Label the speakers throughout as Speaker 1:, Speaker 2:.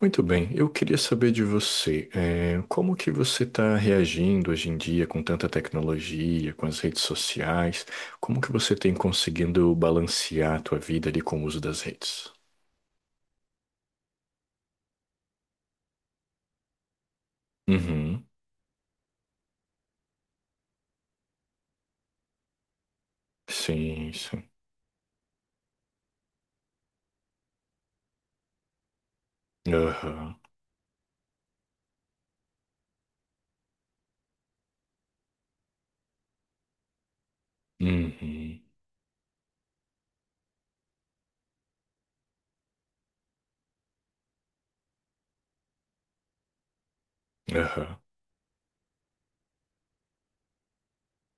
Speaker 1: Muito bem, eu queria saber de você, como que você está reagindo hoje em dia com tanta tecnologia, com as redes sociais? Como que você tem conseguindo balancear a tua vida ali com o uso das redes? Uhum, sim, sim. Aham, uhum, aham.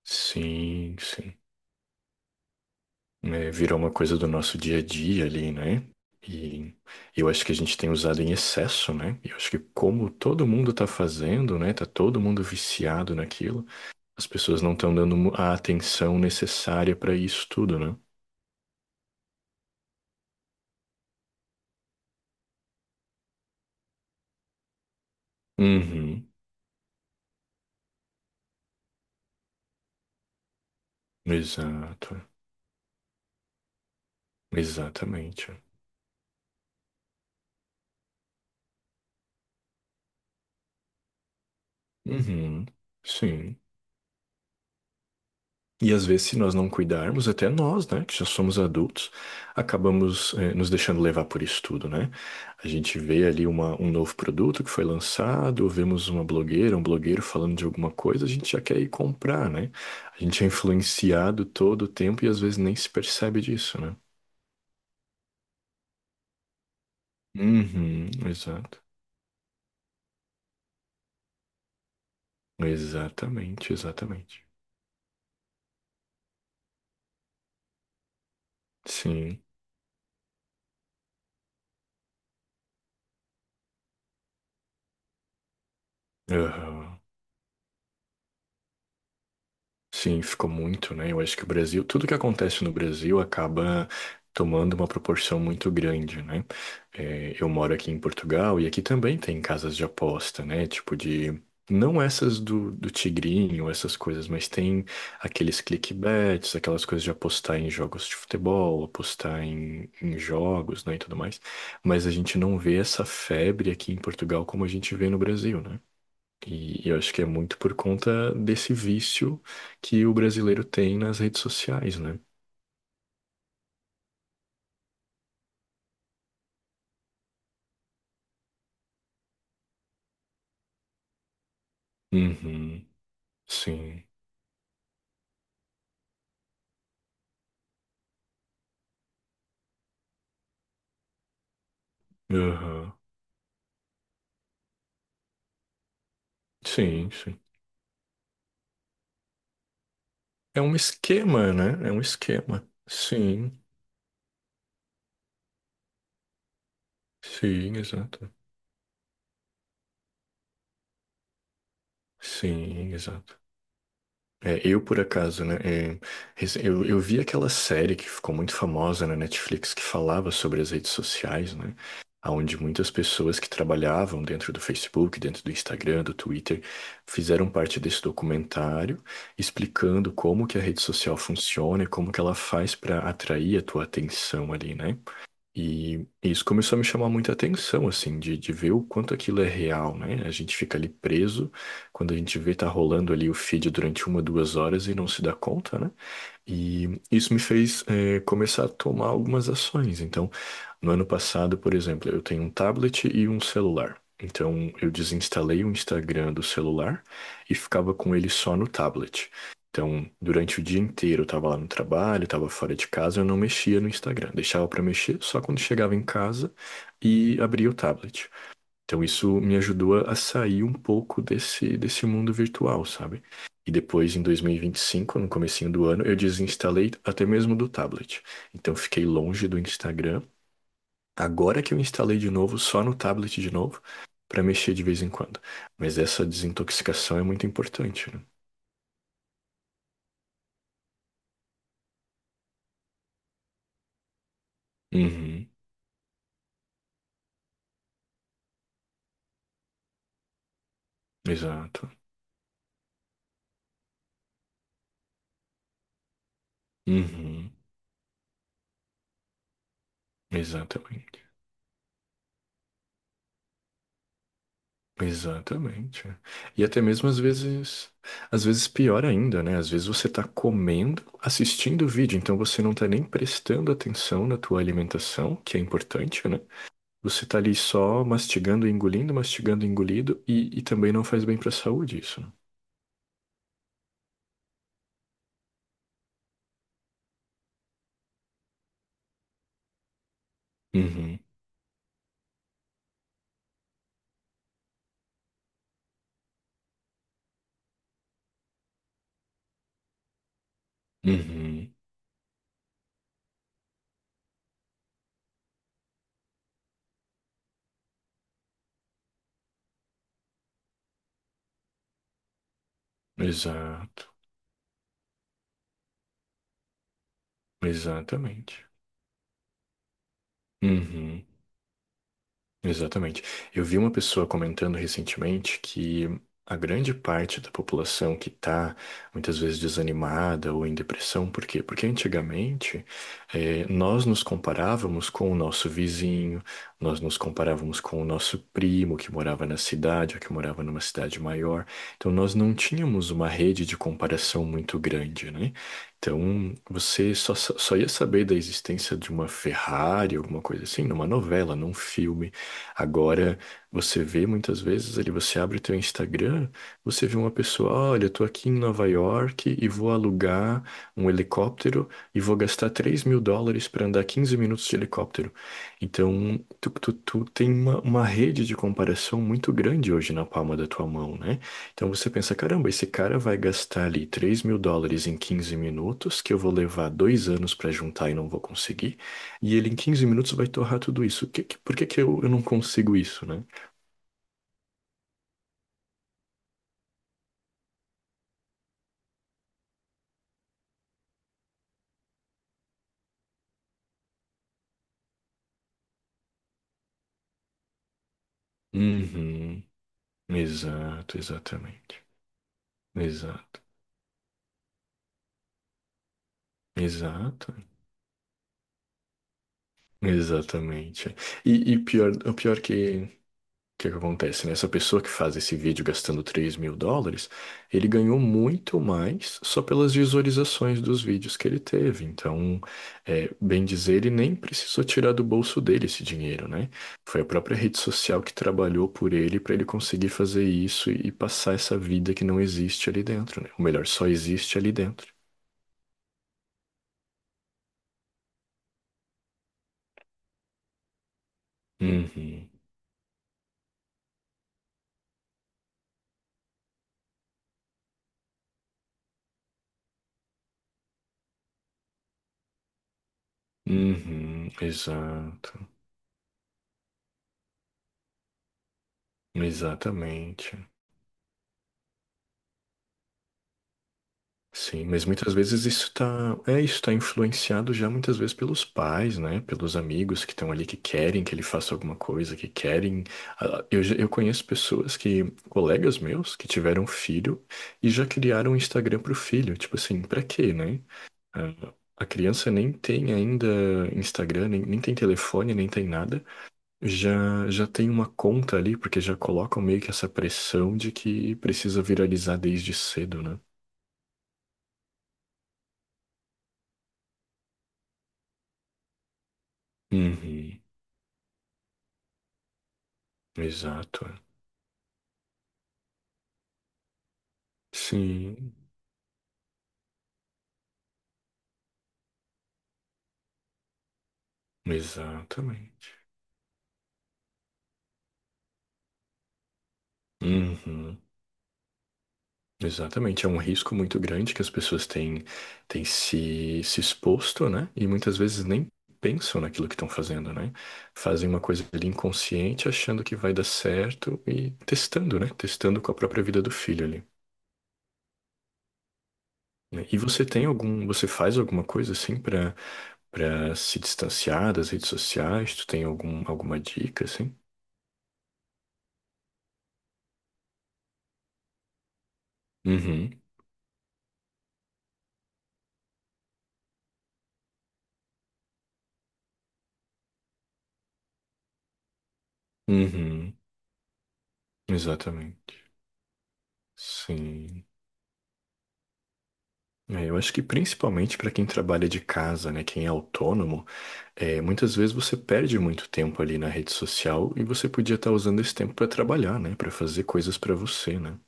Speaker 1: Sim, sim. É, virou uma coisa do nosso dia a dia ali, né? E eu acho que a gente tem usado em excesso, né? Eu acho que como todo mundo tá fazendo, né? Tá todo mundo viciado naquilo. As pessoas não estão dando a atenção necessária para isso tudo, né? Uhum, exato, exatamente. Uhum, sim. E às vezes, se nós não cuidarmos, até nós, né, que já somos adultos, acabamos, nos deixando levar por isso tudo, né? A gente vê ali um novo produto que foi lançado, ou vemos uma blogueira, um blogueiro falando de alguma coisa, a gente já quer ir comprar, né? A gente é influenciado todo o tempo e às vezes nem se percebe disso, né? Uhum, exato. Exatamente, exatamente. Sim. Aham. Sim, ficou muito, né? Eu acho que o Brasil, tudo que acontece no Brasil acaba tomando uma proporção muito grande, né? É, eu moro aqui em Portugal e aqui também tem casas de aposta, né? Tipo de. Não essas do tigrinho, essas coisas, mas tem aqueles clickbets, aquelas coisas de apostar em jogos de futebol, apostar em jogos, né, e tudo mais. Mas a gente não vê essa febre aqui em Portugal como a gente vê no Brasil, né? E eu acho que é muito por conta desse vício que o brasileiro tem nas redes sociais, né? Uhum, sim, aham, sim, sim. É um esquema, né? É um esquema. Sim, sim, exato. Sim, exato. É, eu, por acaso, né? Eu vi aquela série que ficou muito famosa na Netflix que falava sobre as redes sociais, né? Onde muitas pessoas que trabalhavam dentro do Facebook, dentro do Instagram, do Twitter, fizeram parte desse documentário explicando como que a rede social funciona e como que ela faz para atrair a tua atenção ali, né? E isso começou a me chamar muita atenção, assim, de ver o quanto aquilo é real, né? A gente fica ali preso, quando a gente vê tá rolando ali o feed durante 2 horas e não se dá conta, né? E isso me fez começar a tomar algumas ações. Então, no ano passado, por exemplo, eu tenho um tablet e um celular. Então, eu desinstalei o Instagram do celular e ficava com ele só no tablet. Então, durante o dia inteiro, eu estava lá no trabalho, estava fora de casa, eu não mexia no Instagram. Deixava para mexer só quando chegava em casa e abria o tablet. Então isso me ajudou a sair um pouco desse mundo virtual, sabe? E depois, em dois mil e vinte e cinco, no comecinho do ano, eu desinstalei até mesmo do tablet. Então fiquei longe do Instagram. Agora que eu instalei de novo, só no tablet de novo, para mexer de vez em quando. Mas essa desintoxicação é muito importante, né? Uhum, exato. Uhum, exatamente. Exatamente. E até mesmo às vezes pior ainda, né? Às vezes você tá comendo, assistindo o vídeo, então você não tá nem prestando atenção na tua alimentação, que é importante, né? Você tá ali só mastigando, engolindo, mastigando, engolido, e também não faz bem pra saúde isso, né? Uhum, uhum, exato, exatamente. Uhum. Exatamente. Eu vi uma pessoa comentando recentemente que a grande parte da população que está muitas vezes desanimada ou em depressão, por quê? Porque antigamente nós nos comparávamos com o nosso vizinho, nós nos comparávamos com o nosso primo que morava na cidade ou que morava numa cidade maior. Então nós não tínhamos uma rede de comparação muito grande, né? Então, você só ia saber da existência de uma Ferrari, alguma coisa assim, numa novela, num filme. Agora, você vê muitas vezes ali, você abre o teu Instagram, você vê uma pessoa, olha, eu tô aqui em Nova York e vou alugar um helicóptero e vou gastar US$ 3.000 para andar 15 minutos de helicóptero. Então, tu tem uma rede de comparação muito grande hoje na palma da tua mão, né? Então você pensa, caramba, esse cara vai gastar ali US$ 3.000 em 15 minutos, que eu vou levar 2 anos para juntar e não vou conseguir. E ele em 15 minutos vai torrar tudo isso. Por que que eu não consigo isso, né? Uhum. Exato, exatamente. Exato. Exato. Exatamente. E pior, o que que acontece, né? Essa pessoa que faz esse vídeo gastando US$ 3.000, ele ganhou muito mais só pelas visualizações dos vídeos que ele teve. Então, bem dizer, ele nem precisou tirar do bolso dele esse dinheiro, né? Foi a própria rede social que trabalhou por ele para ele conseguir fazer isso e passar essa vida que não existe ali dentro, né? Ou melhor, só existe ali dentro. Uhum, uhum, exato, exatamente. Sim, mas muitas vezes isso está influenciado já muitas vezes pelos pais, né? Pelos amigos que estão ali que querem que ele faça alguma coisa, que querem. Ah, eu conheço pessoas que, colegas meus, que tiveram filho e já criaram um Instagram pro filho. Tipo assim, pra quê, né? Ah, a criança nem tem ainda Instagram, nem tem telefone, nem tem nada. Já tem uma conta ali, porque já colocam meio que essa pressão de que precisa viralizar desde cedo, né? Uhum. Exato. Sim, exatamente. Uhum, exatamente. É um risco muito grande que as pessoas têm se exposto, né? E muitas vezes nem pensam naquilo que estão fazendo, né? Fazem uma coisa ali inconsciente, achando que vai dar certo e testando, né? Testando com a própria vida do filho ali, né? E você você faz alguma coisa assim para se distanciar das redes sociais? Tu tem alguma dica assim? Uhum, uhum, exatamente. Sim. É, eu acho que principalmente para quem trabalha de casa, né, quem é autônomo, muitas vezes você perde muito tempo ali na rede social e você podia estar usando esse tempo para trabalhar, né, para fazer coisas para você, né?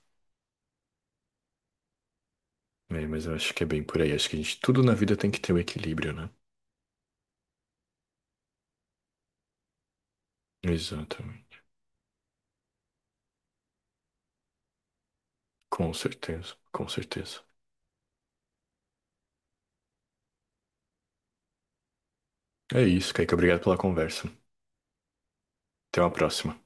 Speaker 1: É, mas eu acho que é bem por aí. Acho que a gente, tudo na vida tem que ter um equilíbrio, né? Exatamente. Com certeza, com certeza. É isso, Kaique. Obrigado pela conversa. Até uma próxima.